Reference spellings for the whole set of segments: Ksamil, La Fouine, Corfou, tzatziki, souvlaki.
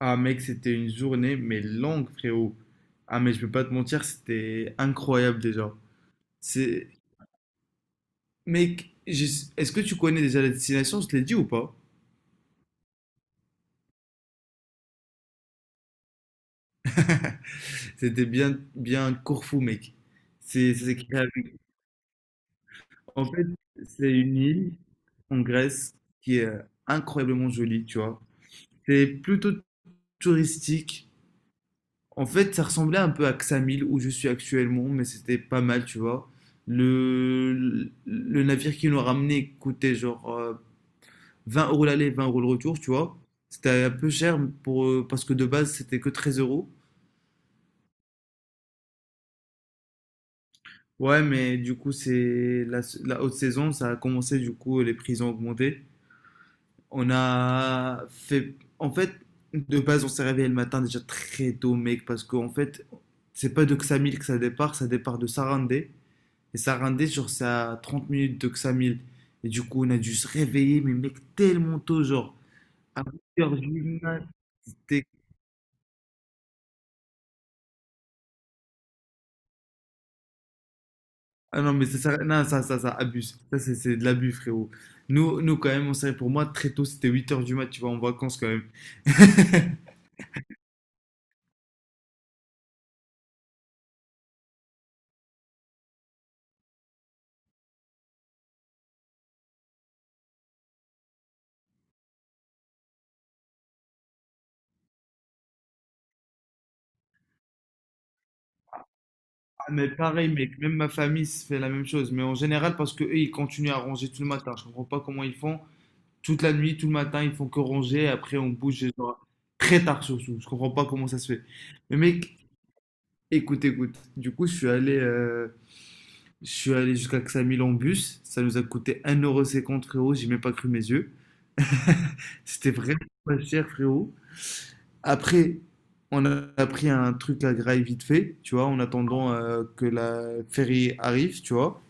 Ah mec, c'était une journée, mais longue, frérot. Ah mais je peux pas te mentir, c'était incroyable déjà. C'est... Mec, est-ce que tu connais déjà la destination? Je te l'ai dit ou pas? C'était bien, bien Corfou, mec. C'est écrit en fait, c'est une île en Grèce qui est incroyablement jolie, tu vois. C'est plutôt touristique. En fait, ça ressemblait un peu à Xamil, où je suis actuellement, mais c'était pas mal, tu vois. Le navire qui nous a ramené coûtait genre 20 euros l'aller, 20 euros le retour, tu vois. C'était un peu cher pour, parce que de base, c'était que 13 euros. Ouais, mais du coup, c'est la haute saison, ça a commencé, du coup, les prix ont augmenté. On a fait. En fait, de base, on s'est réveillé le matin déjà très tôt, mec, parce qu'en fait, c'est pas de Xamil que ça départ de Sarandé. Et ça rendait sur sa 30 minutes de Xamil. Et du coup, on a dû se réveiller, mais mec, tellement tôt, genre, à 8 h du matin. T'es- Ah non, mais ça, non, ça abuse. Ça, c'est de l'abus, frérot. Nous, nous, quand même, on savait, pour moi, très tôt, c'était huit heures du mat, tu vois, en vacances, quand même. Ah, mais pareil, mec, même ma famille se fait la même chose. Mais en général, parce que eux, ils continuent à ranger tout le matin. Je comprends pas comment ils font. Toute la nuit, tout le matin, ils font que ranger. Après, on bouge, genre, très tard, surtout. Je comprends pas comment ça se fait. Mais mec, écoute, écoute, du coup, je suis allé jusqu'à Ksamil en bus. Ça nous a coûté 1,50 euro frérot. J'ai même pas cru mes yeux. C'était vraiment pas cher, frérot. Après, on a pris un truc à graille vite fait, tu vois, en attendant que la ferry arrive, tu vois.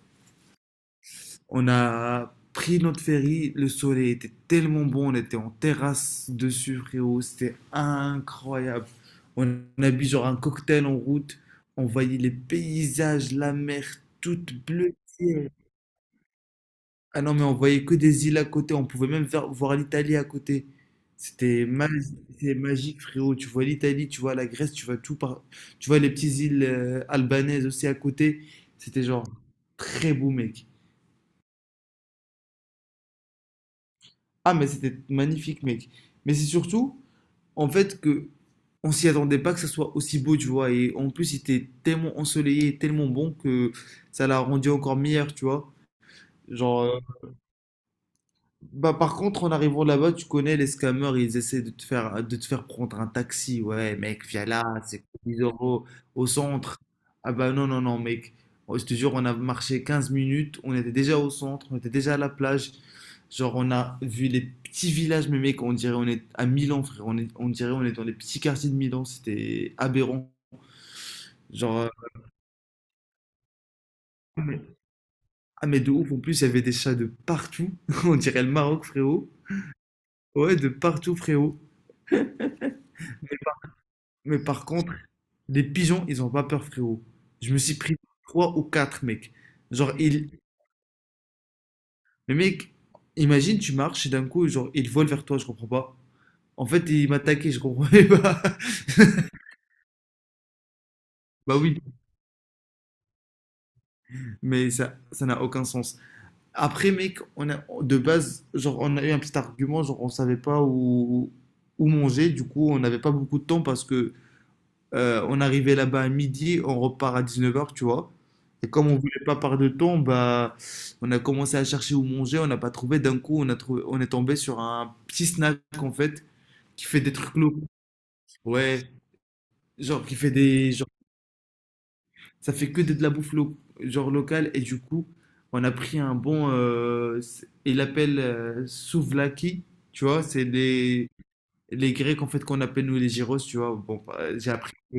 On a pris notre ferry, le soleil était tellement bon, on était en terrasse dessus, frérot, c'était incroyable. On a bu genre un cocktail en route, on voyait les paysages, la mer toute bleue. Ah non, mais on voyait que des îles à côté, on pouvait même voir l'Italie à côté. C'était ma- c'était magique, frérot. Tu vois l'Italie, tu vois la Grèce, tu vois tout par... Tu vois les petites îles albanaises aussi à côté. C'était genre très beau, mec. Ah, mais c'était magnifique, mec. Mais c'est surtout, en fait, que on s'y attendait pas que ça soit aussi beau, tu vois. Et en plus, il était tellement ensoleillé, tellement bon que ça l'a rendu encore meilleur, tu vois. Genre, bah par contre, en arrivant là-bas, tu connais les scammers, ils essaient de te faire prendre un taxi. Ouais, mec, viens là, c'est 10 euros au centre. Ah bah non, non, non, mec. Oh, je te jure, on a marché 15 minutes, on était déjà au centre, on était déjà à la plage. Genre, on a vu les petits villages, mais mec, on dirait on est à Milan, frère. On est, on dirait on est dans les petits quartiers de Milan. C'était aberrant. Genre, ah, mais- ah, mais de ouf. En plus, il y avait des chats de partout. On dirait le Maroc, frérot. Ouais, de partout, frérot. Mais par contre, les pigeons, ils ont pas peur, frérot. Je me suis pris trois ou quatre, mec. Genre, ils. Mais mec, imagine, tu marches et d'un coup, genre, ils volent vers toi. Je comprends pas. En fait, ils m'attaquaient, je comprenais pas. Bah oui, mais ça n'a aucun sens. Après, mec, on a, de base, genre, on a eu un petit argument, genre, on savait pas où manger, du coup, on n'avait pas beaucoup de temps parce que on arrivait là-bas à midi, on repart à 19 h, tu vois. Et comme on voulait pas perdre de temps, bah, on a commencé à chercher où manger, on n'a pas trouvé. D'un coup, on a trouvé, on est tombé sur un petit snack, en fait, qui fait des trucs locaux. Ouais, genre, qui fait des, genre, ça fait que de la bouffe genre locale et du coup, on a pris un bon, il l'appelle souvlaki, tu vois, c'est les Grecs en fait qu'on appelle nous les gyros, tu vois. Bon,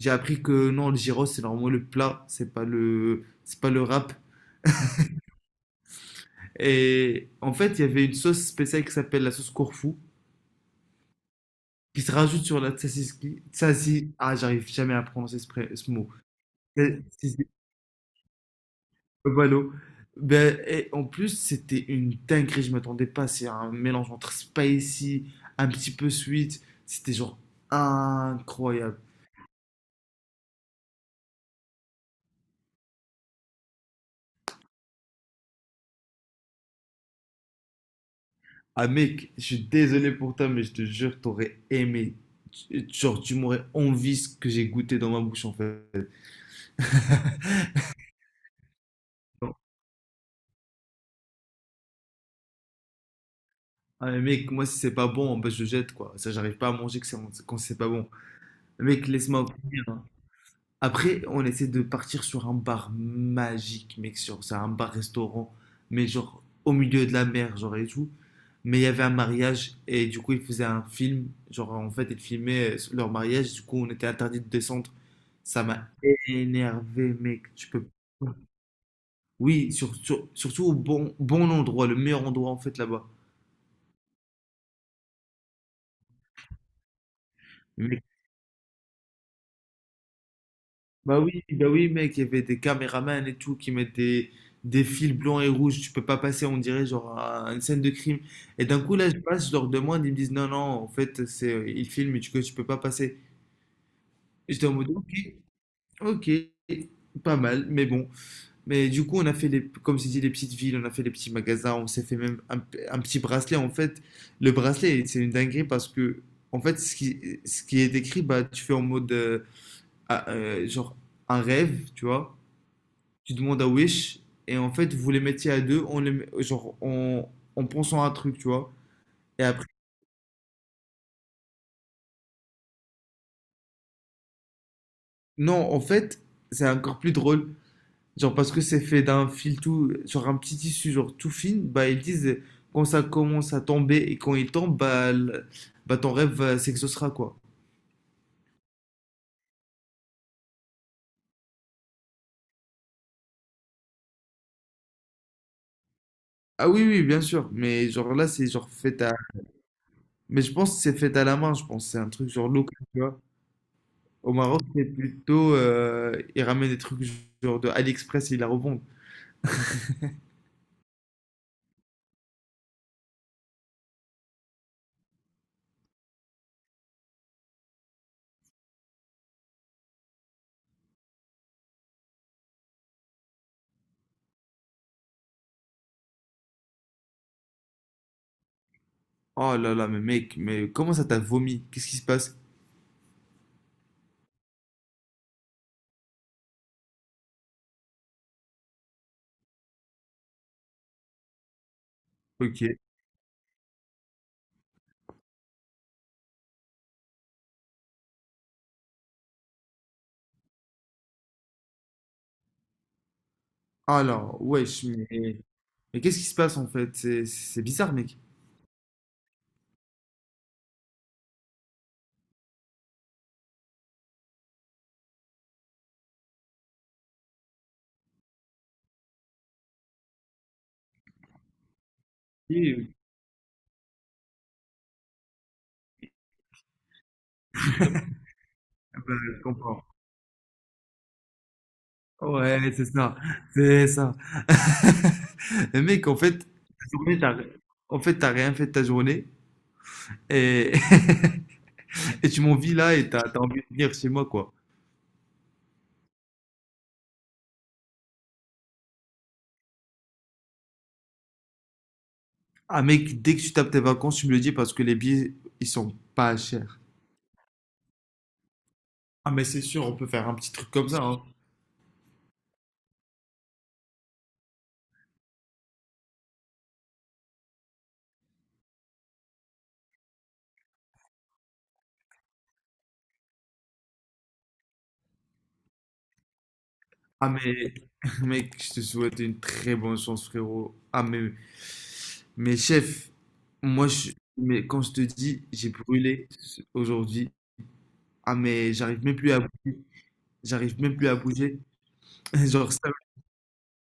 j'ai appris que non, le gyros c'est normalement le plat, c'est pas le wrap. Et en fait, il y avait une sauce spéciale qui s'appelle la sauce Corfou qui se rajoute sur la tzatziki. Tzazi, ah, j'arrive jamais à prononcer ce mot. Buffalo. Ben, et en plus, c'était une dinguerie, je m'attendais pas. C'est un mélange entre spicy, un petit peu sweet. C'était genre incroyable. Ah mec, je suis désolé pour toi, mais je te jure, t'aurais aimé. Genre, tu m'aurais envie ce que j'ai goûté dans ma bouche en fait. Non. Ah mais mec, moi si c'est pas bon, ben je jette quoi. Ça, j'arrive pas à manger quand c'est pas bon. Mec, laisse-moi venir. Après, on essaie de partir sur un bar magique, mec, sur c'est un bar-restaurant, mais genre au milieu de la mer, genre et tout. Mais il y avait un mariage et du coup, ils faisaient un film. Genre, en fait, ils filmaient leur mariage. Du coup, on était interdit de descendre. Ça m'a énervé, mec. Tu peux pas. Oui, surtout au bon, bon endroit, le meilleur endroit, en fait, là-bas. Bah oui, mec, il y avait des caméramans et tout qui mettaient des fils blancs et rouges. Tu peux pas passer, on dirait, genre à une scène de crime. Et d'un coup, là, je passe, je leur demande, ils me disent non, non, en fait, c'est, ils filment, que tu peux pas passer. Et j'étais en mode ok, ok, pas mal, mais bon. Mais du coup, on a fait les, comme je dit, les petites villes, on a fait les petits magasins, on s'est fait même un petit bracelet. En fait, le bracelet, c'est une dinguerie parce que, en fait, ce qui est écrit, bah, tu fais en mode genre un rêve, tu vois. Tu demandes à Wish, et en fait, vous les mettiez à deux, genre, en pensant à un truc, tu vois. Et après, non, en fait, c'est encore plus drôle, genre, parce que c'est fait d'un fil tout, genre, un petit tissu, genre, tout fin, bah, ils disent, quand ça commence à tomber, et quand il tombe, bah ton rêve s'exaucera, quoi. Ah oui, oui, bien sûr, mais genre, là, c'est genre fait à... Mais je pense que c'est fait à la main, je pense, c'est un truc genre local, tu vois. Au Maroc, c'est plutôt, ils ramènent des trucs genre de AliExpress et ils la revendent. Oh là là, mais mec, mais comment ça t'a vomi? Qu'est-ce qui se passe? Ok. Alors, wesh, mais qu'est-ce qui se passe en fait? C'est bizarre, mec. Oui, oui, bah, je comprends. Ouais, c'est ça. C'est ça. Mais mec, en fait, en fait, t'as rien fait de ta journée et, et tu m'envies là et t'as envie de venir chez moi, quoi. Ah, mec, dès que tu tapes tes vacances, tu me le dis parce que les billets, ils sont pas chers. Ah, mais c'est sûr, on peut faire un petit truc comme ça, hein. Ah mais mec, je te souhaite une très bonne chance frérot. Ah mais chef, moi je mais quand je te dis aujourd'hui. Ah mais j'arrive même plus à bouger. J'arrive même plus à bouger. Genre ça.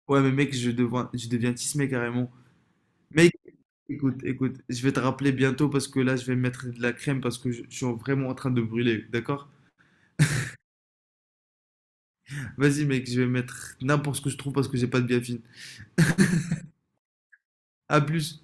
Ouais mais mec, je deviens tismé carrément. Mec, écoute, écoute, je vais te rappeler bientôt parce que là je vais mettre de la crème parce que je suis vraiment en train de brûler, d'accord? Vas-y mec, je vais mettre n'importe ce que je trouve parce que j'ai pas de bien fine. À plus.